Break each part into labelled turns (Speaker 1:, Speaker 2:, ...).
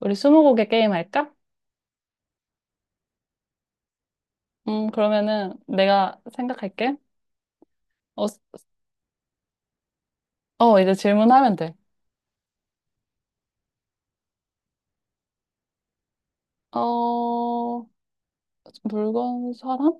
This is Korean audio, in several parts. Speaker 1: 우리 스무고개 게임 할까? 그러면은 내가 생각할게. 어, 스- 이제 질문하면 돼. 어, 물건, 사람?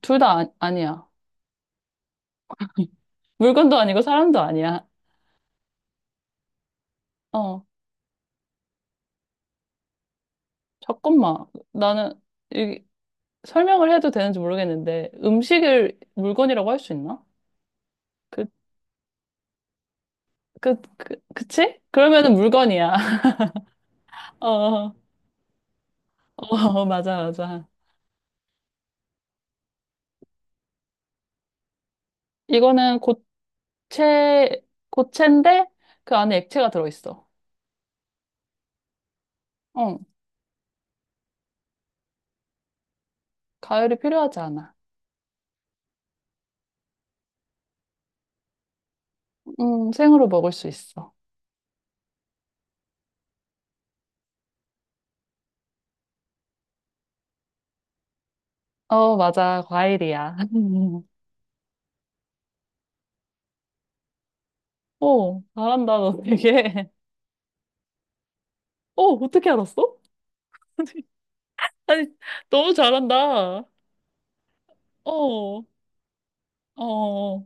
Speaker 1: 둘 다 아니야. 물건도 아니고 사람도 아니야. 어, 잠깐만. 나는 이, 설명을 해도 되는지 모르겠는데 음식을 물건이라고 할 수 있나? 그, 그치? 그러면은 물건이야. 어, 어, 맞아, 맞아. 이거는 고체인데 그 안에 액체가 들어있어. 어. 과일이 필요하지 않아. 생으로 먹을 수 있어. 맞아. 과일이야. 오, 잘한다, 너 되게. 어떻게 알았어? 아니, 너무 잘한다. 어, 어, 어.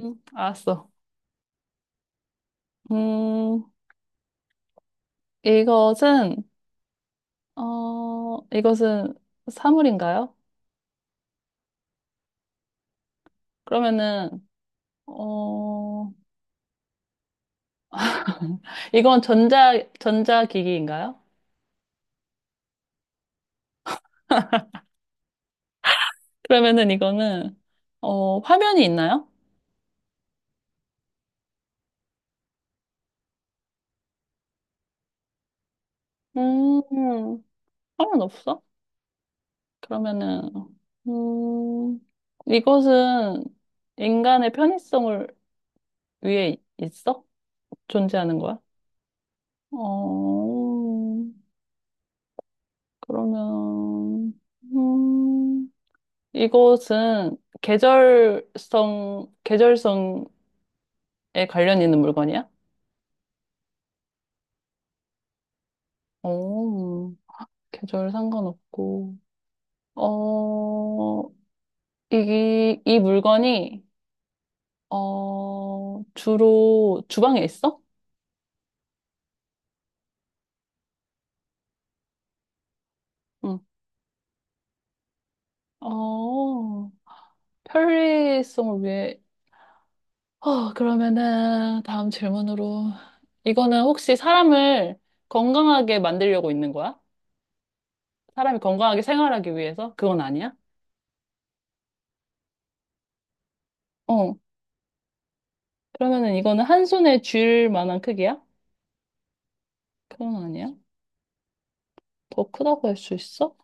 Speaker 1: 알았어. 음, 이것은, 이것은 사물인가요? 그러면은, 어, 이건 전자, 전자기기인가요? 그러면은 이거는, 화면이 있나요? 음, 상관없어? 그러면은, 음, 이것은 인간의 편의성을 위해 있어? 존재하는 거야? 어, 그러면, 음, 이것은 계절성에 관련 있는 물건이야? 어, 계절 상관없고, 어, 이 물건이, 주로 주방에 있어? 응. 어, 편리성을 위해. 그러면은 다음 질문으로. 이거는 혹시 사람을 건강하게 만들려고 있는 거야? 사람이 건강하게 생활하기 위해서? 그건 아니야? 어, 그러면은 이거는 한 손에 쥘 만한 크기야? 그건 아니야? 더 크다고 할 수 있어?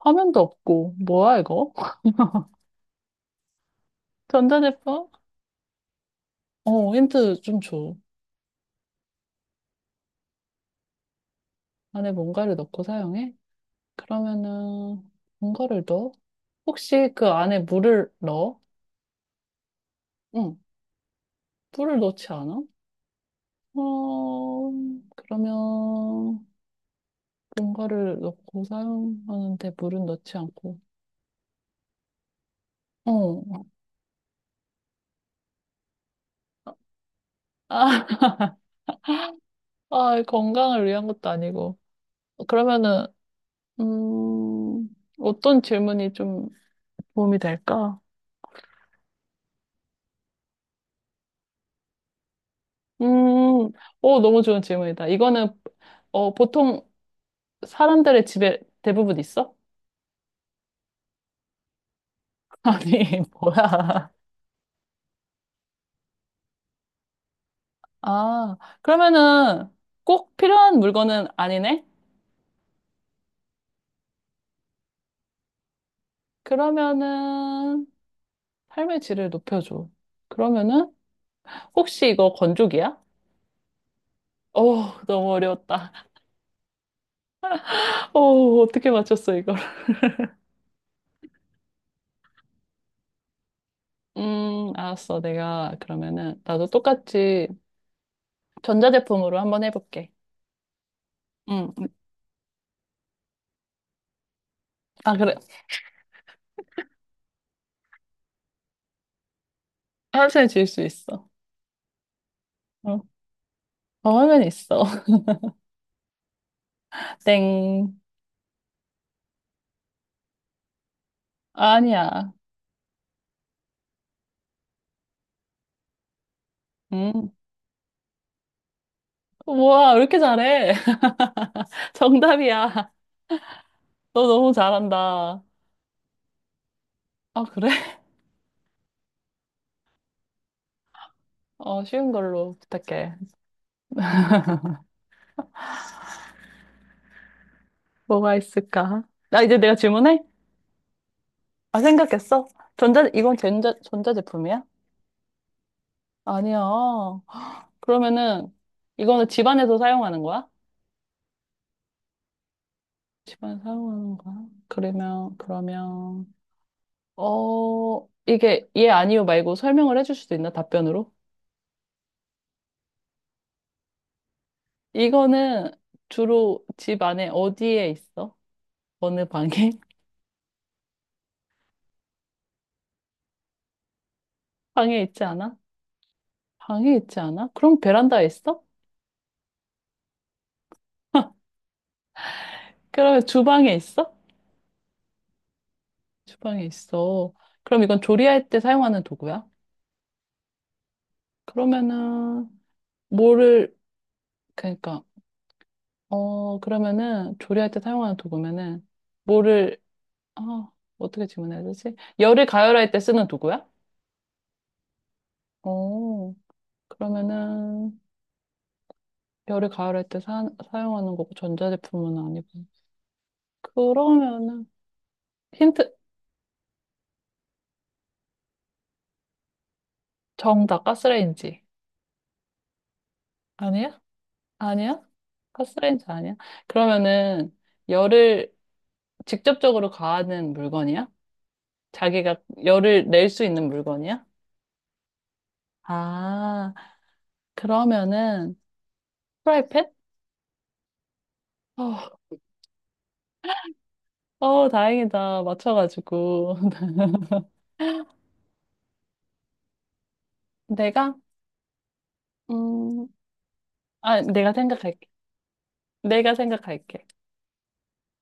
Speaker 1: 화면도 없고, 뭐야 이거? 전자제품? 힌트 좀 줘. 안에 뭔가를 넣고 사용해? 그러면은, 뭔가를 넣어? 혹시 그 안에 물을 넣어? 응. 물을 넣지 않아? 어, 그러면 뭔가를 넣고 사용하는데 물은 넣지 않고. 어. 아, 아, 건강을 위한 것도 아니고. 그러면은, 음, 어떤 질문이 좀 도움이 될까? 음, 오, 너무 좋은 질문이다. 보통 사람들의 집에 대부분 있어? 아니, 뭐야. 아, 그러면은 꼭 필요한 물건은 아니네? 그러면은, 삶의 질을 높여줘. 그러면은 혹시 이거 건조기야? 너무 어려웠다. 어, 어떻게 맞췄어, 이걸? 알았어. 내가 그러면은 나도 똑같이 전자제품으로 한번 해볼게. 음, 아, 그래. 화살 지을 수 있어. 어, 화면 있어. 땡. 아니야. 음. 우와, 왜 이렇게 잘해? 정답이야. 너 너무 잘한다. 아, 그래? 어, 쉬운 걸로 부탁해. 뭐가 있을까? 나 이제 내가 질문해? 아, 생각했어? 전자제품이야? 아니야. 그러면은, 이거는 집안에서 사용하는 거야? 집안에서 사용하는 거야? 그러면, 그러면, 이게 예, 아니요 말고 설명을 해줄 수도 있나? 답변으로? 이거는 주로 집 안에 어디에 있어? 어느 방에? 방에 있지 않아? 방에 있지 않아? 그럼 베란다에 있어? 그러면 주방에 있어? 주방에 있어. 그럼 이건 조리할 때 사용하는 도구야? 그러면은, 뭐를, 그러니까, 그러면은, 조리할 때 사용하는 도구면은, 뭐를, 아, 어떻게 질문해야 되지? 열을 가열할 때 쓰는 도구야? 어, 그러면은, 열을 가열할 때 사용하는 거고, 전자제품은 아니고. 그러면은, 힌트, 정답, 가스레인지. 아니야? 아니야? 가스레인지 아니야? 그러면은, 열을 직접적으로 가하는 물건이야? 자기가 열을 낼 수 있는 물건이야? 아, 그러면은, 프라이팬? 어, 어, 다행이다. 맞춰가지고. 내가, 음, 내가 생각할게. 내가 생각할게.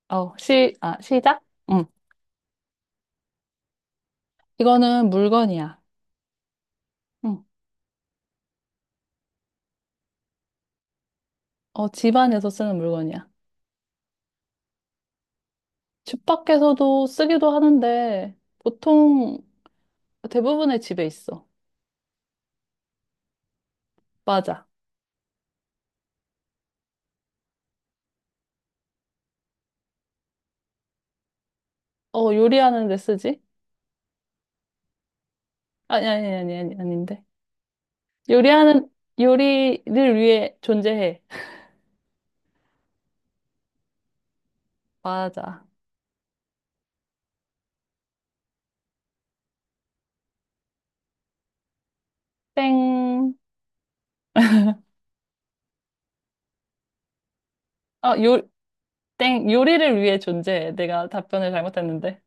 Speaker 1: 시작? 응. 이거는 물건이야. 응. 집안에서 쓰는 물건이야. 집 밖에서도 쓰기도 하는데, 보통 대부분의 집에 있어. 맞아. 요리하는 데 쓰지? 아니, 아닌데. 요리하는, 요리를 위해 존재해. 맞아. 땡. 아, 요, 땡, 요리를 위해 존재해. 내가 답변을 잘못했는데.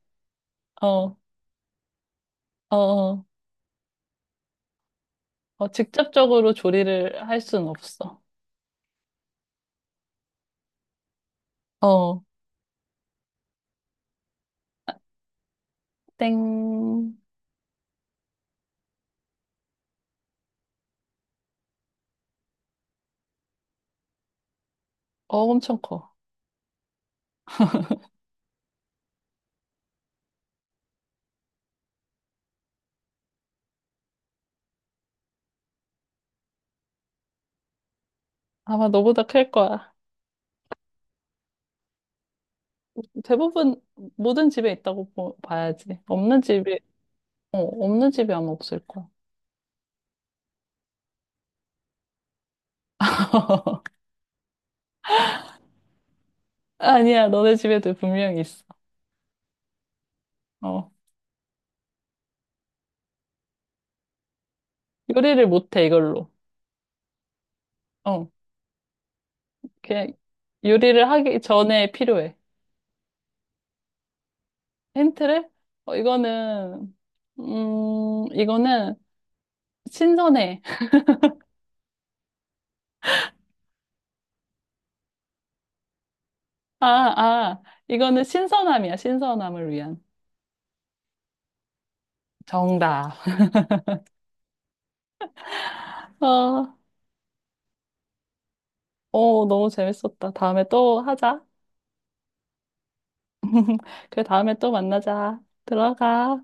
Speaker 1: 어, 어, 어, 직접적으로 조리를 할 순 없어. 어, 땡, 엄청 커. 아마 너보다 클 거야. 대부분 모든 집에 있다고 봐야지. 없는 집에, 없는 집이 아마 없을 거야. 아니야, 너네 집에도 분명히 있어. 어, 요리를 못해, 이걸로. 어, 그냥 요리를 하기 전에 필요해. 힌트를? 이거는, 이거는 신선해. 아, 이거는 신선함이야, 신선함을 위한. 정답. 어, 어, 너무 재밌었다. 다음에 또 하자. 그래, 다음에 또 만나자. 들어가.